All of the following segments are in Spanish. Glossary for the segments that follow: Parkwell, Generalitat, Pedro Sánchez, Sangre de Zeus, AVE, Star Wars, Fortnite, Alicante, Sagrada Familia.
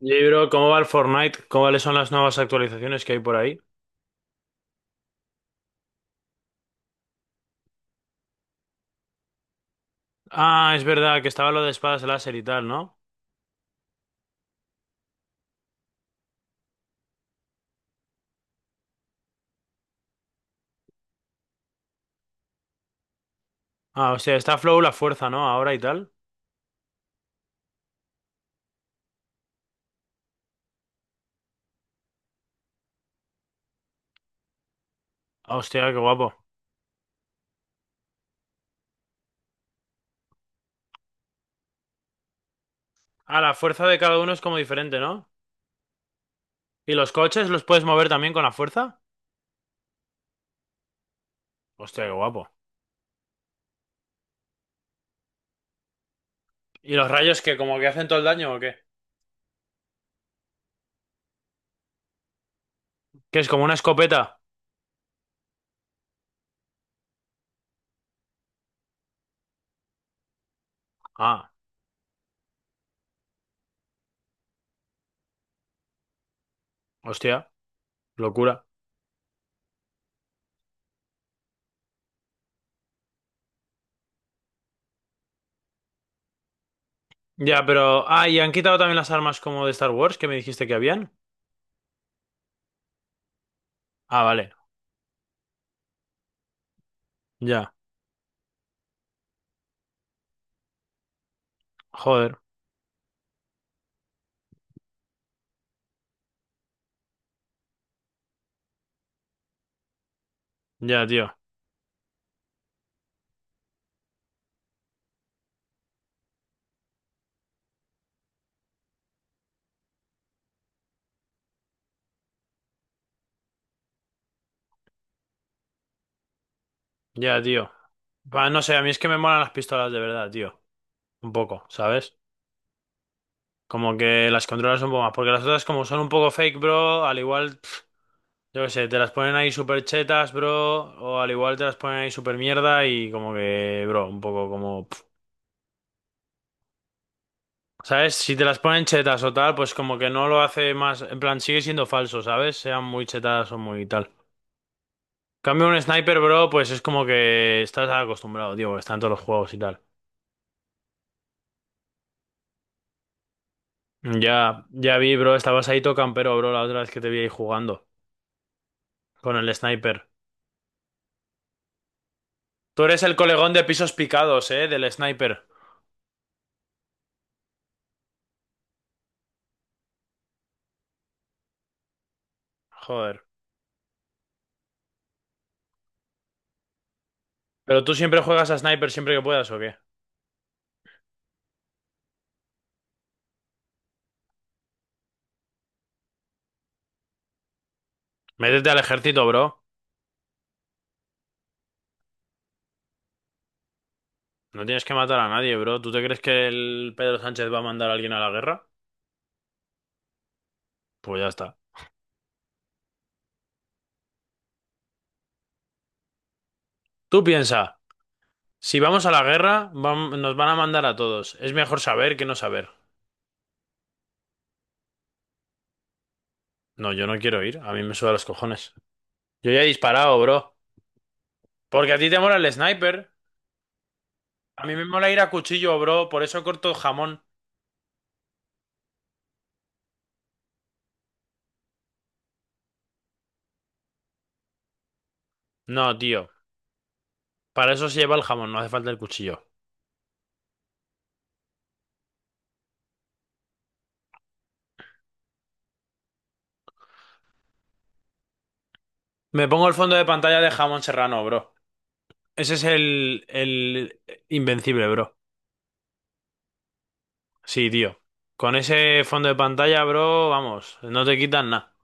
Y, bro, ¿cómo va el Fortnite? ¿Cuáles son las nuevas actualizaciones que hay por ahí? Ah, es verdad que estaba lo de espadas láser y tal, ¿no? Ah, hostia, está Flow la fuerza, ¿no? Ahora y tal. Ah, hostia, qué guapo. Ah, la fuerza de cada uno es como diferente, ¿no? ¿Y los coches los puedes mover también con la fuerza? Hostia, qué guapo. ¿Y los rayos que como que hacen todo el daño o qué? ¿Que es como una escopeta? Ah, hostia, locura. Ya, pero... Ah, y han quitado también las armas como de Star Wars que me dijiste que habían. Ah, vale. Ya. Joder. Ya, tío. Ya, tío. Va, no sé, a mí es que me molan las pistolas de verdad, tío. Un poco, ¿sabes? Como que las controlas un poco más. Porque las otras, como son un poco fake, bro, al igual, pf, yo qué sé, te las ponen ahí super chetas, bro. O al igual te las ponen ahí super mierda y como que, bro, un poco como... pf, ¿sabes? Si te las ponen chetas o tal, pues como que no lo hace más... En plan, sigue siendo falso, ¿sabes? Sean muy chetas o muy tal. Cambio un sniper, bro, pues es como que estás acostumbrado, tío, porque está en todos los juegos y tal. Ya, ya vi, bro. Estabas ahí todo campero, bro, la otra vez que te vi ahí jugando con el sniper. Tú eres el colegón de pisos picados, del sniper. Joder. Pero tú siempre juegas a sniper siempre que puedas, ¿o qué? Métete al ejército, bro. No tienes que matar a nadie, bro. ¿Tú te crees que el Pedro Sánchez va a mandar a alguien a la guerra? Pues ya está. Tú piensa, si vamos a la guerra, nos van a mandar a todos. Es mejor saber que no saber. No, yo no quiero ir. A mí me suda los cojones. Yo ya he disparado, bro. Porque a ti te mola el sniper. A mí me mola ir a cuchillo, bro. Por eso corto el jamón. No, tío. Para eso se lleva el jamón, no hace falta el cuchillo. Me pongo el fondo de pantalla de jamón serrano, bro. Ese es el invencible, bro. Sí, tío. Con ese fondo de pantalla, bro, vamos, no te quitan nada.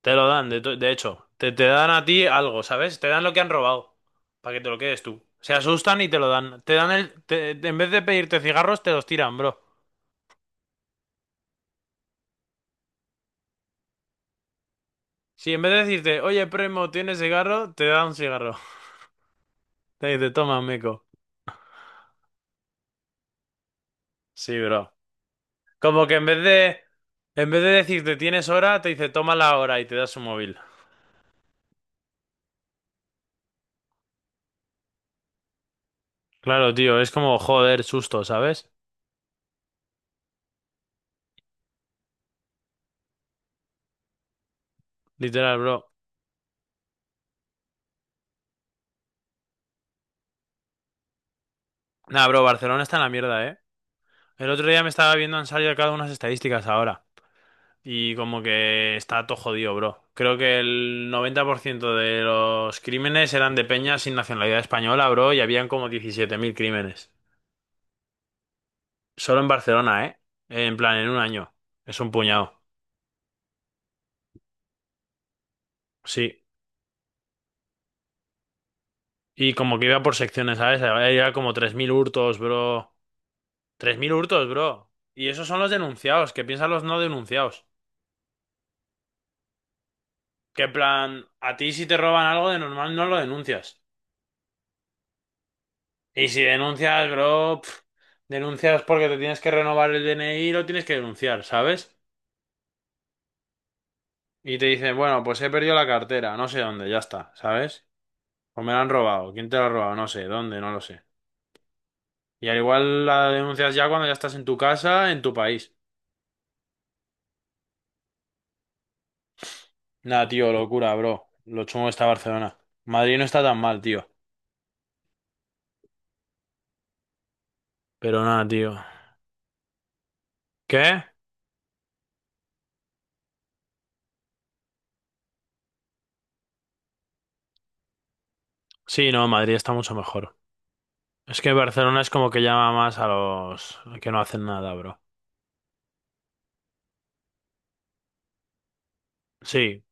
Te lo dan, de, de hecho. Te dan a ti algo, ¿sabes? Te dan lo que han robado. Para que te lo quedes tú. Se asustan y te lo dan. Te dan el... en vez de pedirte cigarros, te los tiran, bro. Si en vez de decirte, oye, primo, ¿tienes cigarro? Te dan un cigarro. Te toman, meco. Sí, bro. Como que en vez de decirte tienes hora, te dice toma la hora y te das un móvil. Claro, tío, es como joder, susto, ¿sabes? Literal, bro. Nah, bro, Barcelona está en la mierda, ¿eh? El otro día me estaba viendo, han salido cada unas estadísticas ahora. Y como que está todo jodido, bro. Creo que el 90% de los crímenes eran de peñas sin nacionalidad española, bro, y habían como 17.000 crímenes. Solo en Barcelona, ¿eh? En plan, en un año. Es un puñado. Sí. Y como que iba por secciones, ¿sabes? Había como 3.000 hurtos, bro. 3.000 hurtos, bro. Y esos son los denunciados. ¿Qué piensan los no denunciados? Que en plan, a ti si te roban algo de normal no lo denuncias. Y si denuncias, bro, pf, denuncias porque te tienes que renovar el DNI y lo tienes que denunciar, ¿sabes? Y te dicen, bueno, pues he perdido la cartera, no sé dónde, ya está, ¿sabes? O me la han robado. ¿Quién te la ha robado? No sé, ¿dónde? No lo sé. Y al igual la denuncias ya cuando ya estás en tu casa, en tu país. Nada, tío, locura, bro. Lo chungo está Barcelona. Madrid no está tan mal, tío. Pero nada, tío. ¿Qué? Sí, no, Madrid está mucho mejor. Es que Barcelona es como que llama más a los que no hacen nada, bro. Sí,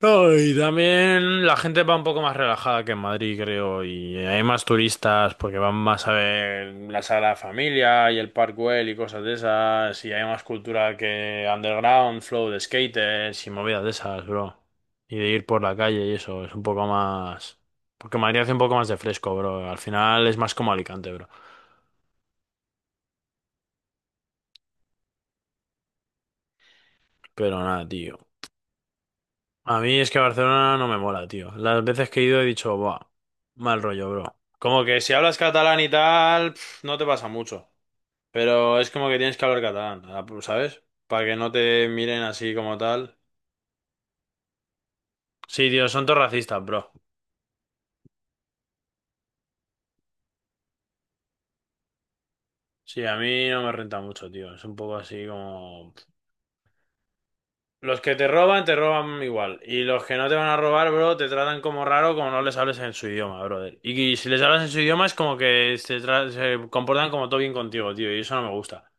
no, y también la gente va un poco más relajada que en Madrid, creo, y hay más turistas porque van más a ver la Sagrada Familia y el Parkwell y cosas de esas, y hay más cultura que underground, flow de skaters y movidas de esas, bro. Y de ir por la calle y eso, es un poco más... Porque Madrid hace un poco más de fresco, bro. Al final es más como Alicante, bro. Pero nada, tío. A mí es que Barcelona no me mola, tío. Las veces que he ido he dicho, buah, mal rollo, bro. Como que si hablas catalán y tal, pf, no te pasa mucho. Pero es como que tienes que hablar catalán, ¿sabes? Para que no te miren así como tal. Sí, tío, son todos racistas, bro. Sí, a mí no me renta mucho, tío. Es un poco así como... Los que te roban igual. Y los que no te van a robar, bro, te tratan como raro como no les hables en su idioma, brother. Y si les hablas en su idioma es como que se, se comportan como todo bien contigo, tío. Y eso no me gusta.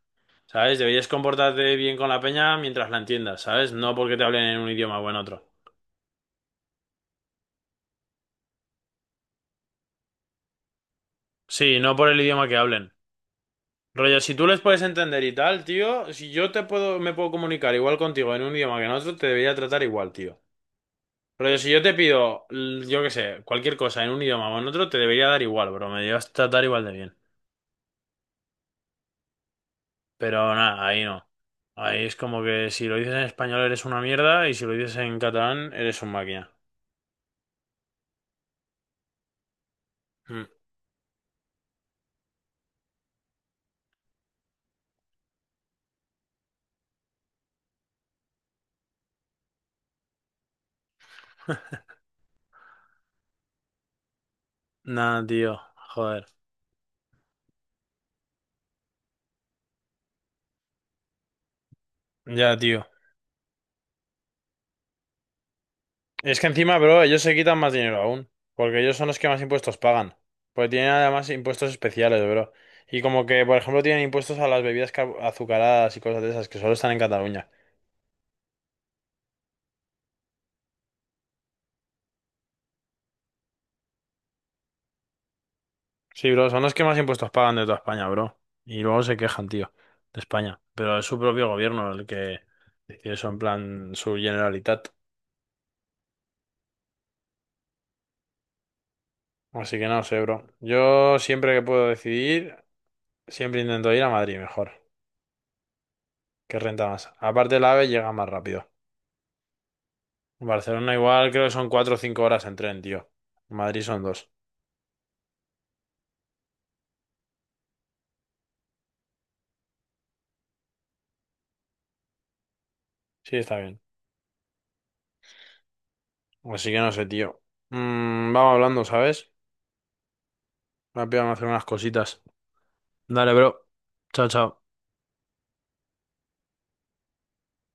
¿Sabes? Deberías comportarte bien con la peña mientras la entiendas, ¿sabes? No porque te hablen en un idioma o en otro. Sí, no por el idioma que hablen. Rollo, si tú les puedes entender y tal, tío, si yo te puedo, me puedo comunicar igual contigo en un idioma que en otro, te debería tratar igual, tío. Rollo, si yo te pido, yo qué sé, cualquier cosa en un idioma o en otro, te debería dar igual, bro. Me deberías tratar igual de bien. Pero nada, ahí no. Ahí es como que si lo dices en español eres una mierda y si lo dices en catalán eres un máquina. Mm. Nada, tío. Joder. Ya, tío. Es que encima, bro, ellos se quitan más dinero aún, porque ellos son los que más impuestos pagan, porque tienen además impuestos especiales, bro. Y como que, por ejemplo, tienen impuestos a las bebidas azucaradas y cosas de esas que solo están en Cataluña. Sí, bro, son los que más impuestos pagan de toda España, bro. Y luego se quejan, tío, de España. Pero es su propio gobierno el que decide eso, en plan su Generalitat. Así que no sé, bro. Yo siempre que puedo decidir, siempre intento ir a Madrid mejor, que renta más. Aparte, el AVE llega más rápido. Barcelona igual creo que son cuatro o cinco horas en tren, tío. Madrid son dos. Sí, está bien. Así que no sé, tío. Vamos hablando, ¿sabes? Rápido vamos a hacer unas cositas. Dale, bro. Chao, chao.